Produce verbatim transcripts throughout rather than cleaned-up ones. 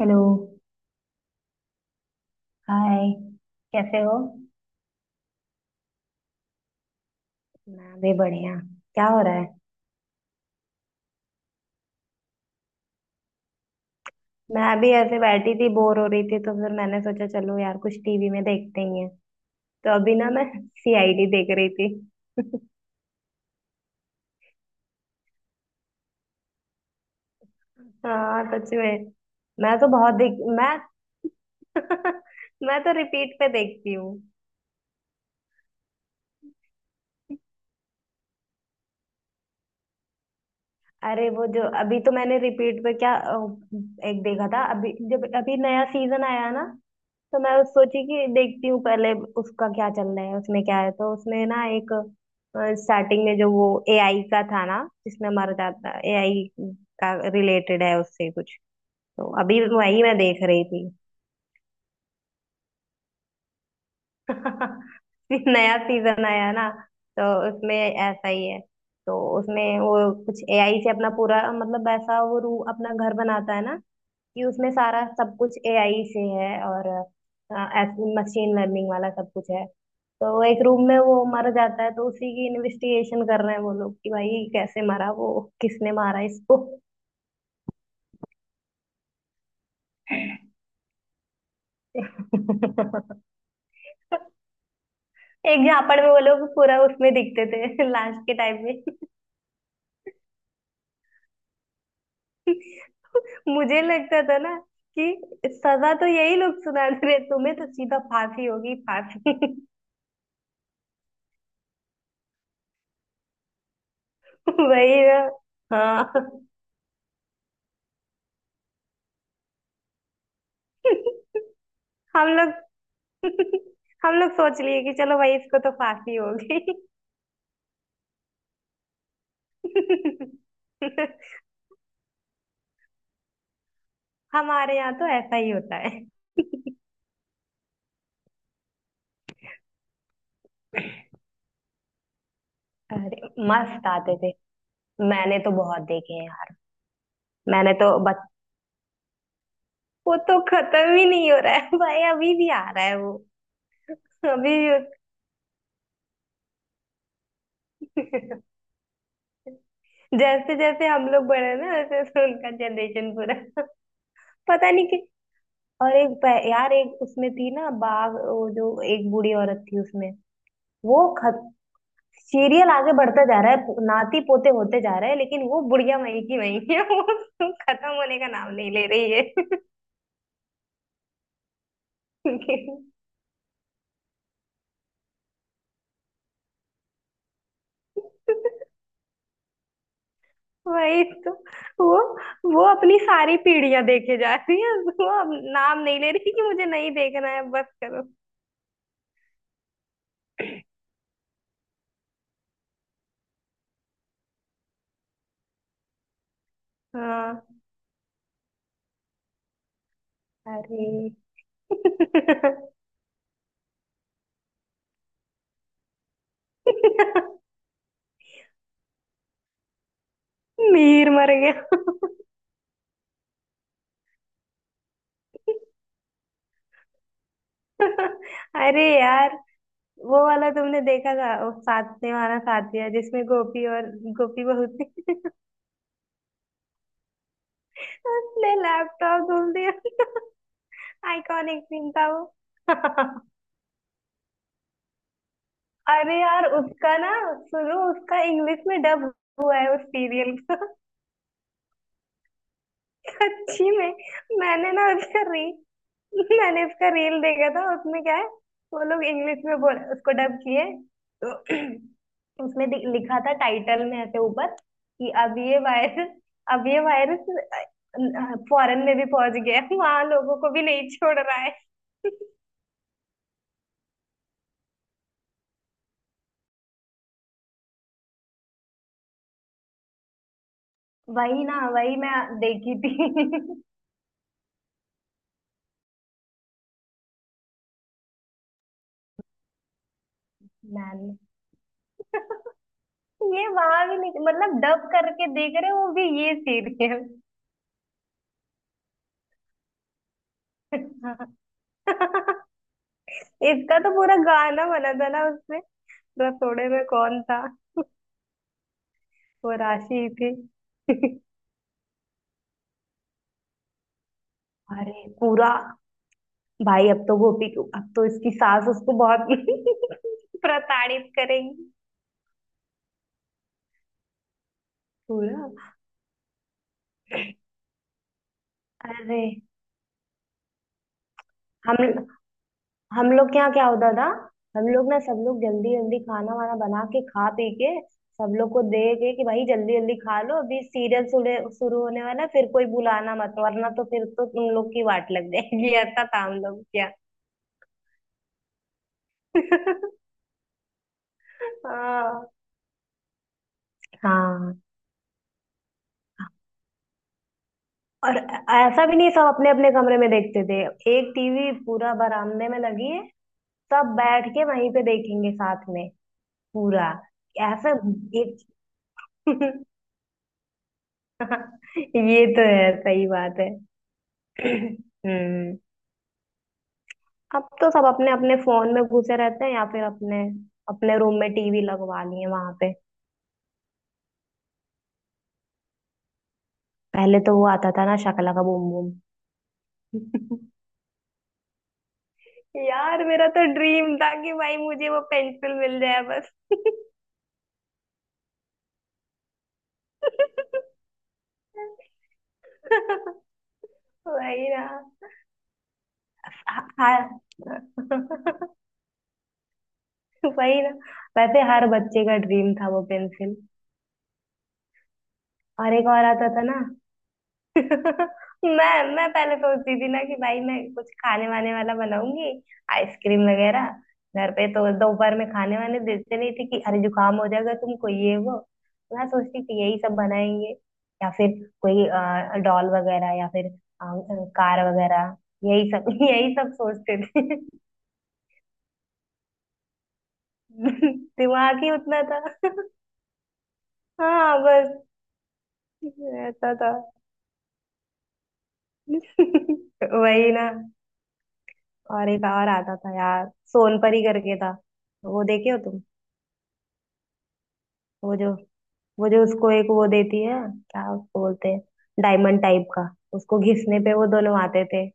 Hello. Hi. कैसे हो? मैं भी बढ़िया। क्या हो रहा है? मैं भी ऐसे बैठी थी बोर हो रही थी तो फिर मैंने सोचा चलो यार कुछ टीवी में देखते ही हैं। तो अभी ना मैं सीआईडी देख रही थी। हाँ सच में। मैं तो बहुत देख मैं मैं तो रिपीट पे देखती हूँ। अरे वो जो अभी तो मैंने रिपीट पे क्या अ, एक देखा था अभी जब अभी नया सीजन आया ना। तो मैं उस सोची कि देखती हूँ पहले उसका क्या चल रहा है उसमें क्या है। तो उसमें ना एक स्टार्टिंग में जो वो एआई का था ना जिसमें मर जाता एआई का रिलेटेड है उससे कुछ। तो अभी वही मैं देख रही थी। फिर नया सीजन आया ना तो उसमें ऐसा ही है। तो उसमें वो कुछ एआई से अपना पूरा मतलब ऐसा वो रू अपना घर बनाता है ना। कि उसमें सारा सब कुछ एआई से है और मशीन लर्निंग वाला सब कुछ है। तो एक रूम में वो मर जाता है तो उसी की इन्वेस्टिगेशन कर रहे हैं वो लोग कि भाई कैसे मरा वो किसने मारा इसको। एक झापड़ में वो लोग पूरा उसमें दिखते थे लास्ट के टाइम में। मुझे लगता था ना कि सजा तो यही लोग सुना रहे हैं, तुम्हें तो सीधा फांसी होगी फांसी। वही ना। हाँ। हम लोग हम लोग सोच लिए कि चलो भाई इसको तो फांसी होगी। हमारे यहाँ तो ऐसा ही होता है। अरे मस्त आते थे। मैंने तो बहुत देखे हैं यार। मैंने तो बच वो तो खत्म ही नहीं हो रहा है। भाई अभी भी आ रहा है वो। अभी भी उस- जैसे जैसे हम लोग बढ़े ना वैसे वैसे उनका जनरेशन पूरा। पता नहीं कि। और एक पह- यार एक उसमें थी ना बाघ वो जो एक बूढ़ी औरत थी उसमें। वो खत सीरियल आगे बढ़ता जा रहा है नाती पोते होते जा रहे हैं लेकिन वो बुढ़िया वहीं की वहीं है। वो खत्म होने का नाम नहीं ले रही है। वही तो। वो वो अपनी सारी पीढ़ियां देखे जा रही है वो अब नाम नहीं ले रही कि मुझे नहीं देखना है बस करो। हाँ। अरे मीर मर गया। अरे यार वो वाला तुमने देखा था वो साथ निभाना साथिया जिसमें गोपी और गोपी बहू थी। उसने लैपटॉप धुल दिया। आइकॉनिक सीन था वो। अरे यार उसका ना सुनो उसका इंग्लिश में डब हुआ है उस सीरियल का। सच्ची में। मैंने ना उसका रील मैंने उसका रील देखा था उसमें क्या है। वो लोग इंग्लिश में बोल उसको डब किए तो उसमें दि- लिखा था टाइटल में ऐसे ऊपर कि अब ये वायरस। अब ये वायरस फॉरेन में भी पहुंच गया है, वहां लोगों को भी नहीं छोड़ रहा है। वही ना वही मैं देखी थी। मैंने ये वहां भी नहीं मतलब डब करके देख रहे हो वो भी ये सीरियल। इसका तो पूरा गाना बना था ना उसमें। रसोड़े में कौन था वो राशि ही थी। अरे पूरा भाई अब तो गोपी को अब तो इसकी सास उसको बहुत प्रताड़ित करेंगी। पूरा। अरे हम हम लोग के यहाँ क्या होता था। हम लोग ना सब लोग जल्दी जल्दी खाना वाना बना के खा पी के सब लोग को दे के कि भाई जल्दी जल्दी खा लो अभी सीरियल शुरू होने वाला है, फिर कोई बुलाना मत वरना तो फिर तो तुम लोग की वाट लग जाएगी। ऐसा था हम लोग क्या। हाँ। हाँ और ऐसा भी नहीं सब अपने अपने कमरे में देखते थे। एक टीवी पूरा बरामदे में लगी है सब बैठ के वहीं पे देखेंगे साथ में पूरा। ऐसा एक। ये तो है सही बात है। हम्म। अब तो सब अपने अपने फोन में घुसे रहते हैं या फिर अपने अपने रूम में टीवी लगवा ली है वहां पे। पहले तो वो आता था ना शकला का बूम बूम। यार मेरा तो ड्रीम था कि भाई मुझे वो पेंसिल मिल जाए बस। वही ना। हर। वही ना वैसे हर बच्चे का ड्रीम था वो पेंसिल। और एक और आता था ना। मैं मैं पहले सोचती थी ना कि भाई मैं कुछ खाने वाने वाला बनाऊंगी आइसक्रीम वगैरह। घर पे तो दोपहर में खाने वाने देते नहीं थे कि अरे जुकाम हो जाएगा तुमको ये वो। मैं सोचती थी यही सब बनाएंगे या फिर कोई अ, डॉल वगैरह या फिर अ, कार वगैरह। यही सब यही सब सोचते थे। दिमाग ही उतना था। हाँ बस ऐसा था। वही ना और एक और आता था यार सोनपरी करके था। वो देखे हो तुम। वो जो वो जो उसको एक वो देती है क्या उसको बोलते हैं डायमंड टाइप का उसको घिसने पे वो दोनों आते थे।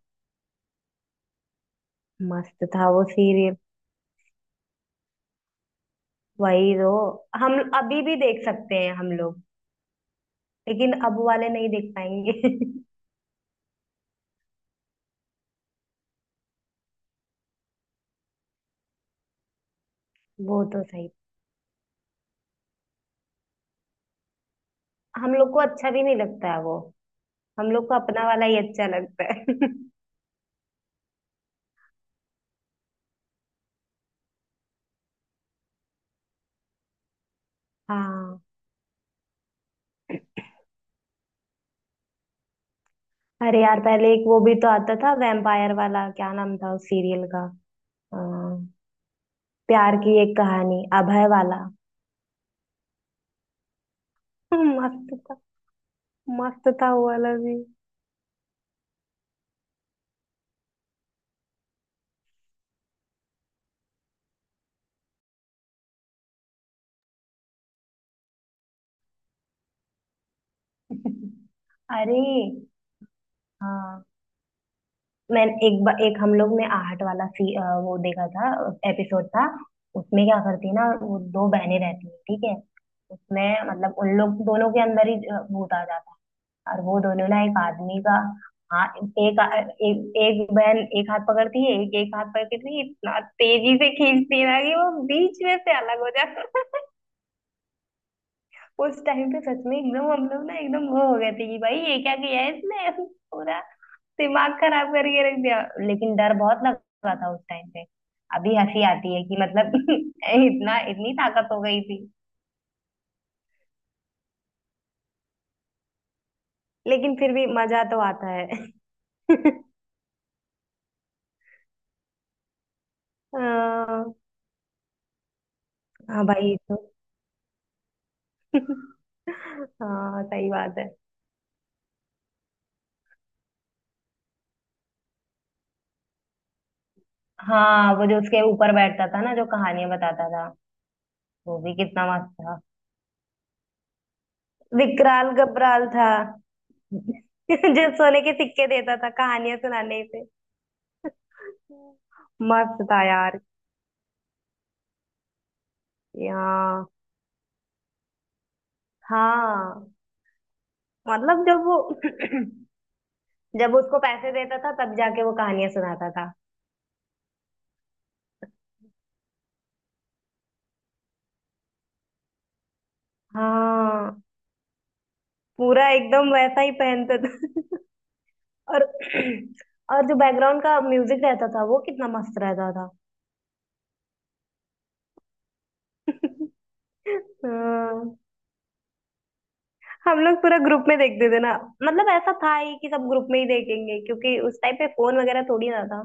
मस्त था वो सीरियल। वही तो हम अभी भी देख सकते हैं हम लोग लेकिन अब वाले नहीं देख पाएंगे। वो तो सही हम लोग को अच्छा भी नहीं लगता है वो। हम लोग को अपना वाला ही अच्छा लगता है। हाँ। अरे यार पहले एक वो भी तो आता था वैम्पायर वाला क्या नाम था उस सीरियल का प्यार की एक कहानी अभय वाला। मस्त था मस्त था वो वाला भी। अरे हाँ। मैं एक बा, एक हम लोग ने आहट वाला सी अ, वो देखा था। एपिसोड था। उसमें क्या करती है ना वो दो बहनें रहती हैं ठीक है। उसमें मतलब उन लोग दोनों के अंदर ही अ, भूत आ जाता है और वो दोनों ना एक आदमी का। हाँ। एक आ- एक एक बहन एक हाथ पकड़ती है एक एक हाथ पकड़ती है इतना तेजी से खींचती है ना कि वो बीच में से अलग हो। उस टाइम पे सच में एकदम हम लोग ना एकदम वो हो गए थे कि भाई ये क्या किया है इसने पूरा दिमाग खराब करके रख दिया। लेकिन डर बहुत लगा था उस टाइम पे। अभी हंसी आती है कि मतलब इतना इतनी ताकत हो गई थी। लेकिन फिर भी मजा तो आता है। हाँ हाँ भाई ये तो। हाँ सही बात है। हाँ वो जो उसके ऊपर बैठता था ना जो कहानियां बताता था वो भी कितना मस्त था। विकराल गब्राल था। जो सोने के सिक्के देता था कहानियां सुनाने पे। मस्त था यार। यहाँ हाँ मतलब जब वो जब उसको पैसे देता था तब जाके वो कहानियां सुनाता था। हाँ पूरा एकदम वैसा ही पहनता था। और और जो बैकग्राउंड का म्यूजिक रहता था वो कितना मस्त रहता था। हाँ, हम लोग पूरा ग्रुप में देखते थे ना। मतलब ऐसा था ही कि सब ग्रुप में ही देखेंगे क्योंकि उस टाइम पे फोन वगैरह थोड़ी ना था।